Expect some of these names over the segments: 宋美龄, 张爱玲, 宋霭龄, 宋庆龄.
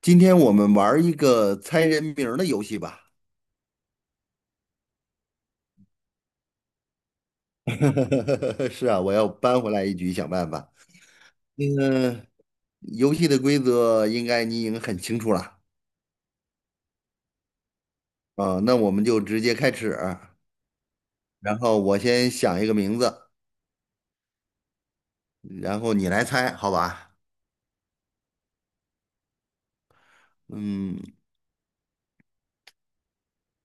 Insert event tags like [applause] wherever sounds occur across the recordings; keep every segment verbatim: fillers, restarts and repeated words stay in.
今天我们玩儿一个猜人名儿的游戏吧。[laughs] 是啊，我要扳回来一局，想办法。那个游戏的规则应该你已经很清楚了。啊，那我们就直接开始。然后我先想一个名字，然后你来猜，好吧？嗯，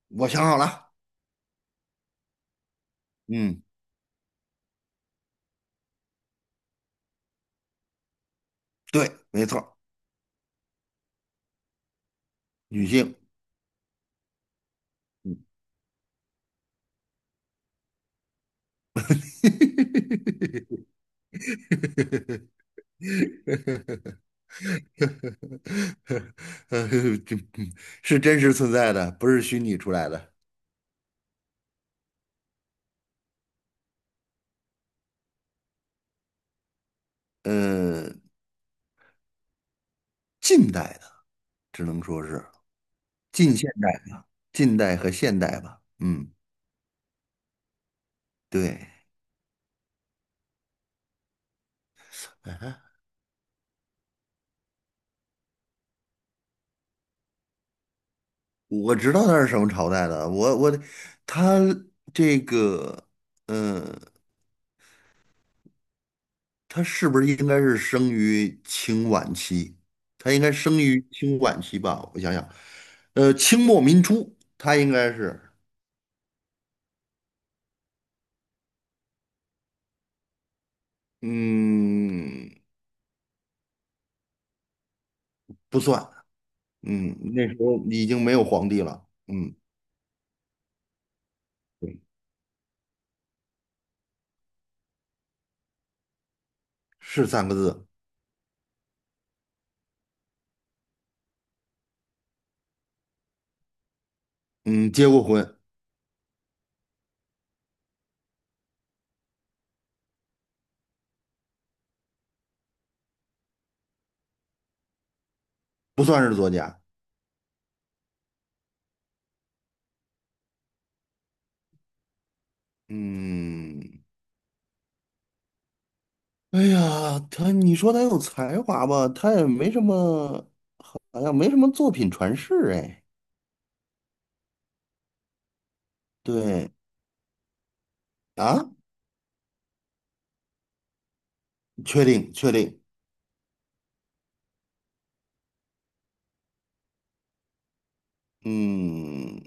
我想好了。嗯，对，没错儿，女性。[laughs] 呃，这是真实存在的，不是虚拟出来的。呃，近代的，只能说是近现代、近代和现代吧。嗯，对，哎，我知道他是什么朝代的。我我他这个，嗯，他是不是应该是生于清晚期？他应该生于清晚期吧？我想想，呃，清末民初，他应该是，嗯，不算，嗯，那时候已经没有皇帝了。嗯，是三个字。嗯，结过婚。不算是作家。嗯，哎呀，他，你说他有才华吧，他也没什么，好像没什么作品传世哎。对啊，确定确定。嗯，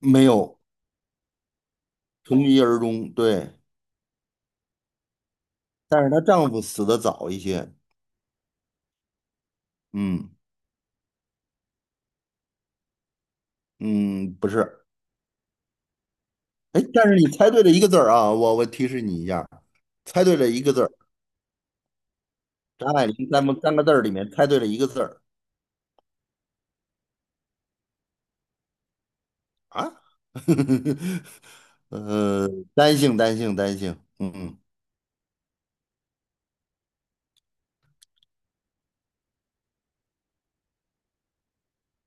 没有，从一而终。对，但是她丈夫死的早一些。嗯，嗯，不是。哎，但是你猜对了一个字儿啊，我我提示你一下，猜对了一个字儿，张爱玲咱们三个字儿里面猜对了一个字儿。啊，[laughs] 呃，单性单性单性，嗯。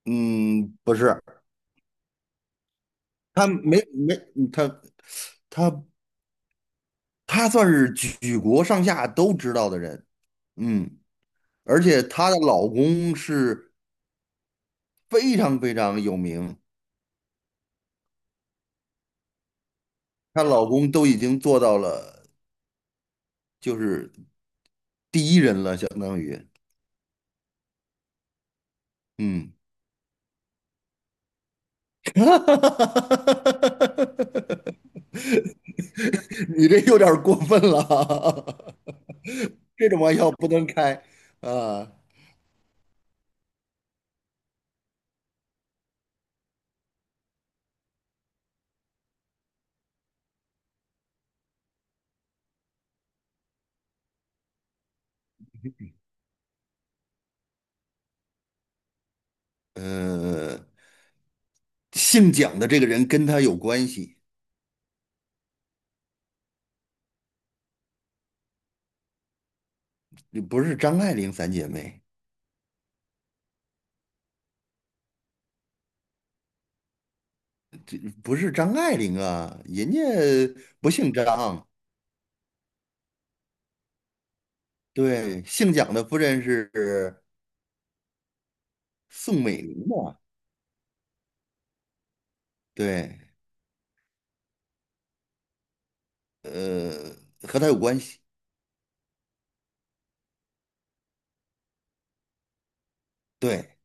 嗯，不是。他没没他他他算是举国上下都知道的人，嗯，而且她的老公是非常非常有名，她老公都已经做到了，就是第一人了，相当于，嗯。[laughs] 你这有点儿过分了。[laughs] 这种玩笑不能开啊。呃，姓蒋的这个人跟他有关系，不是张爱玲三姐妹，这不是张爱玲啊，人家不姓张。对，姓蒋的夫人是宋美龄嘛？对，呃，和他有关系。对，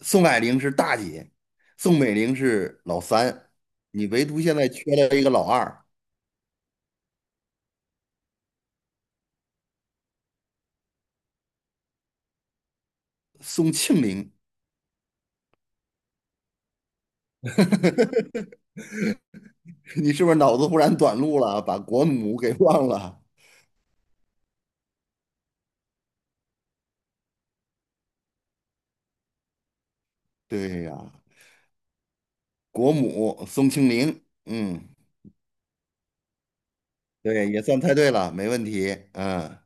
宋霭龄是大姐，宋美龄是老三，你唯独现在缺了一个老二，宋庆龄。[laughs] [laughs] 你是不是脑子忽然短路了，把国母给忘了？对呀，国母宋庆龄，嗯，对，也算猜对了，没问题。嗯。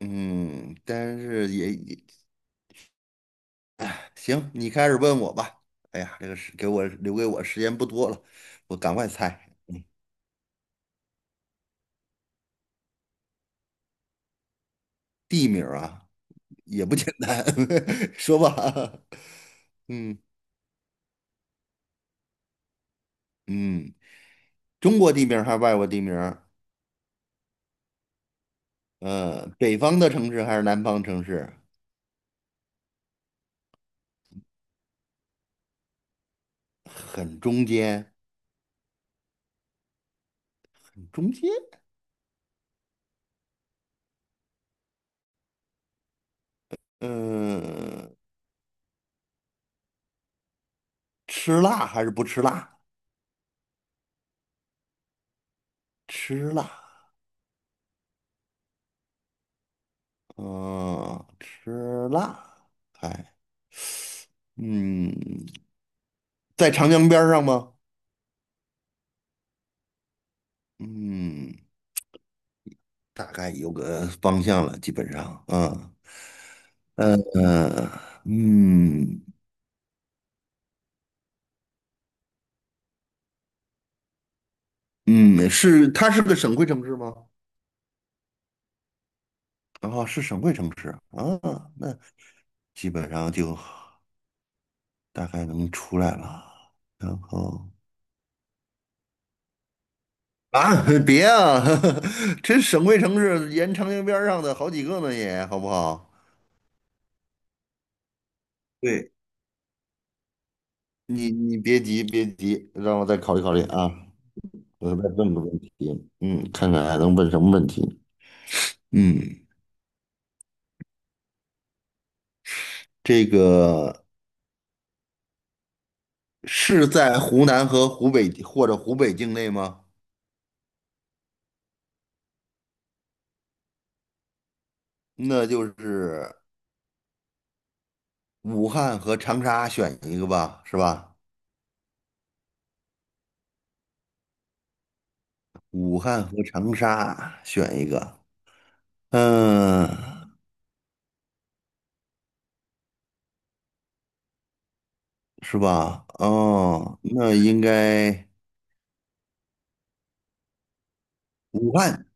嗯，但是也也行，你开始问我吧。哎呀，这个是给我留给我时间不多了，我赶快猜。地名儿啊，也不简单，[laughs] 说吧。[laughs] 嗯。嗯，中国地名儿还是外国地名儿？嗯，北方的城市还是南方城市？很中间，中间。嗯，吃辣还是不吃辣？吃辣，嗯，吃辣，哎，嗯，在长江边儿上吗？嗯，大概有个方向了，基本上，嗯，嗯，嗯。嗯，是，它是个省会城市吗？哦，是省会城市啊，那基本上就大概能出来了，然后。[laughs] 啊，别啊，[laughs] 这省会城市沿长江边儿上的好几个呢也，好不好？对，你你别急，别急，让我再考虑考虑啊。我再问个问题，嗯，看看还能问什么问题？嗯，这个是在湖南和湖北或者湖北境内吗？那就是武汉和长沙选一个吧，是吧？武汉和长沙选一个，嗯。是吧？哦，那应该武汉。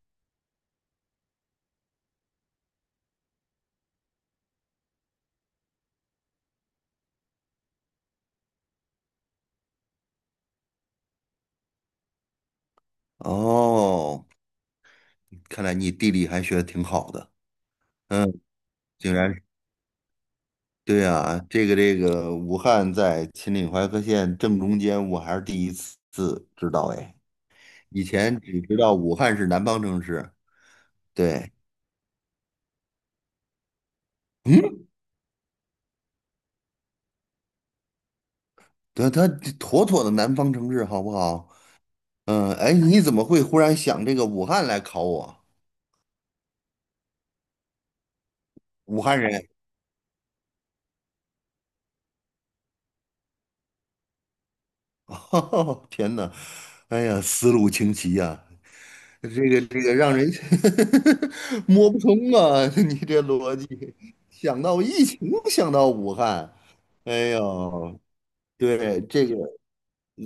哦，看来你地理还学的挺好的。嗯，竟然是，对啊，这个这个武汉在秦岭淮河线正中间，我还是第一次知道哎，以前只知道武汉是南方城市。对，嗯，对，它妥妥的南方城市，好不好？嗯，哎，你怎么会忽然想这个武汉来考我？武汉人，[laughs] 天呐，哎呀，思路清奇呀、这个这个让人 [laughs] 摸不通啊！[laughs] 你这逻辑，想到疫情，想到武汉，哎呦，对这个，一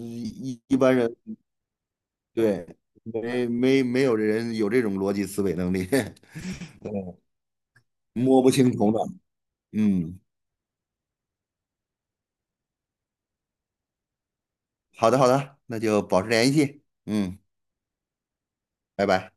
一一般人，对，没没没有人有这种逻辑思维能力，[laughs] 对，摸不清头脑。嗯，好的好的，那就保持联系。嗯，拜拜。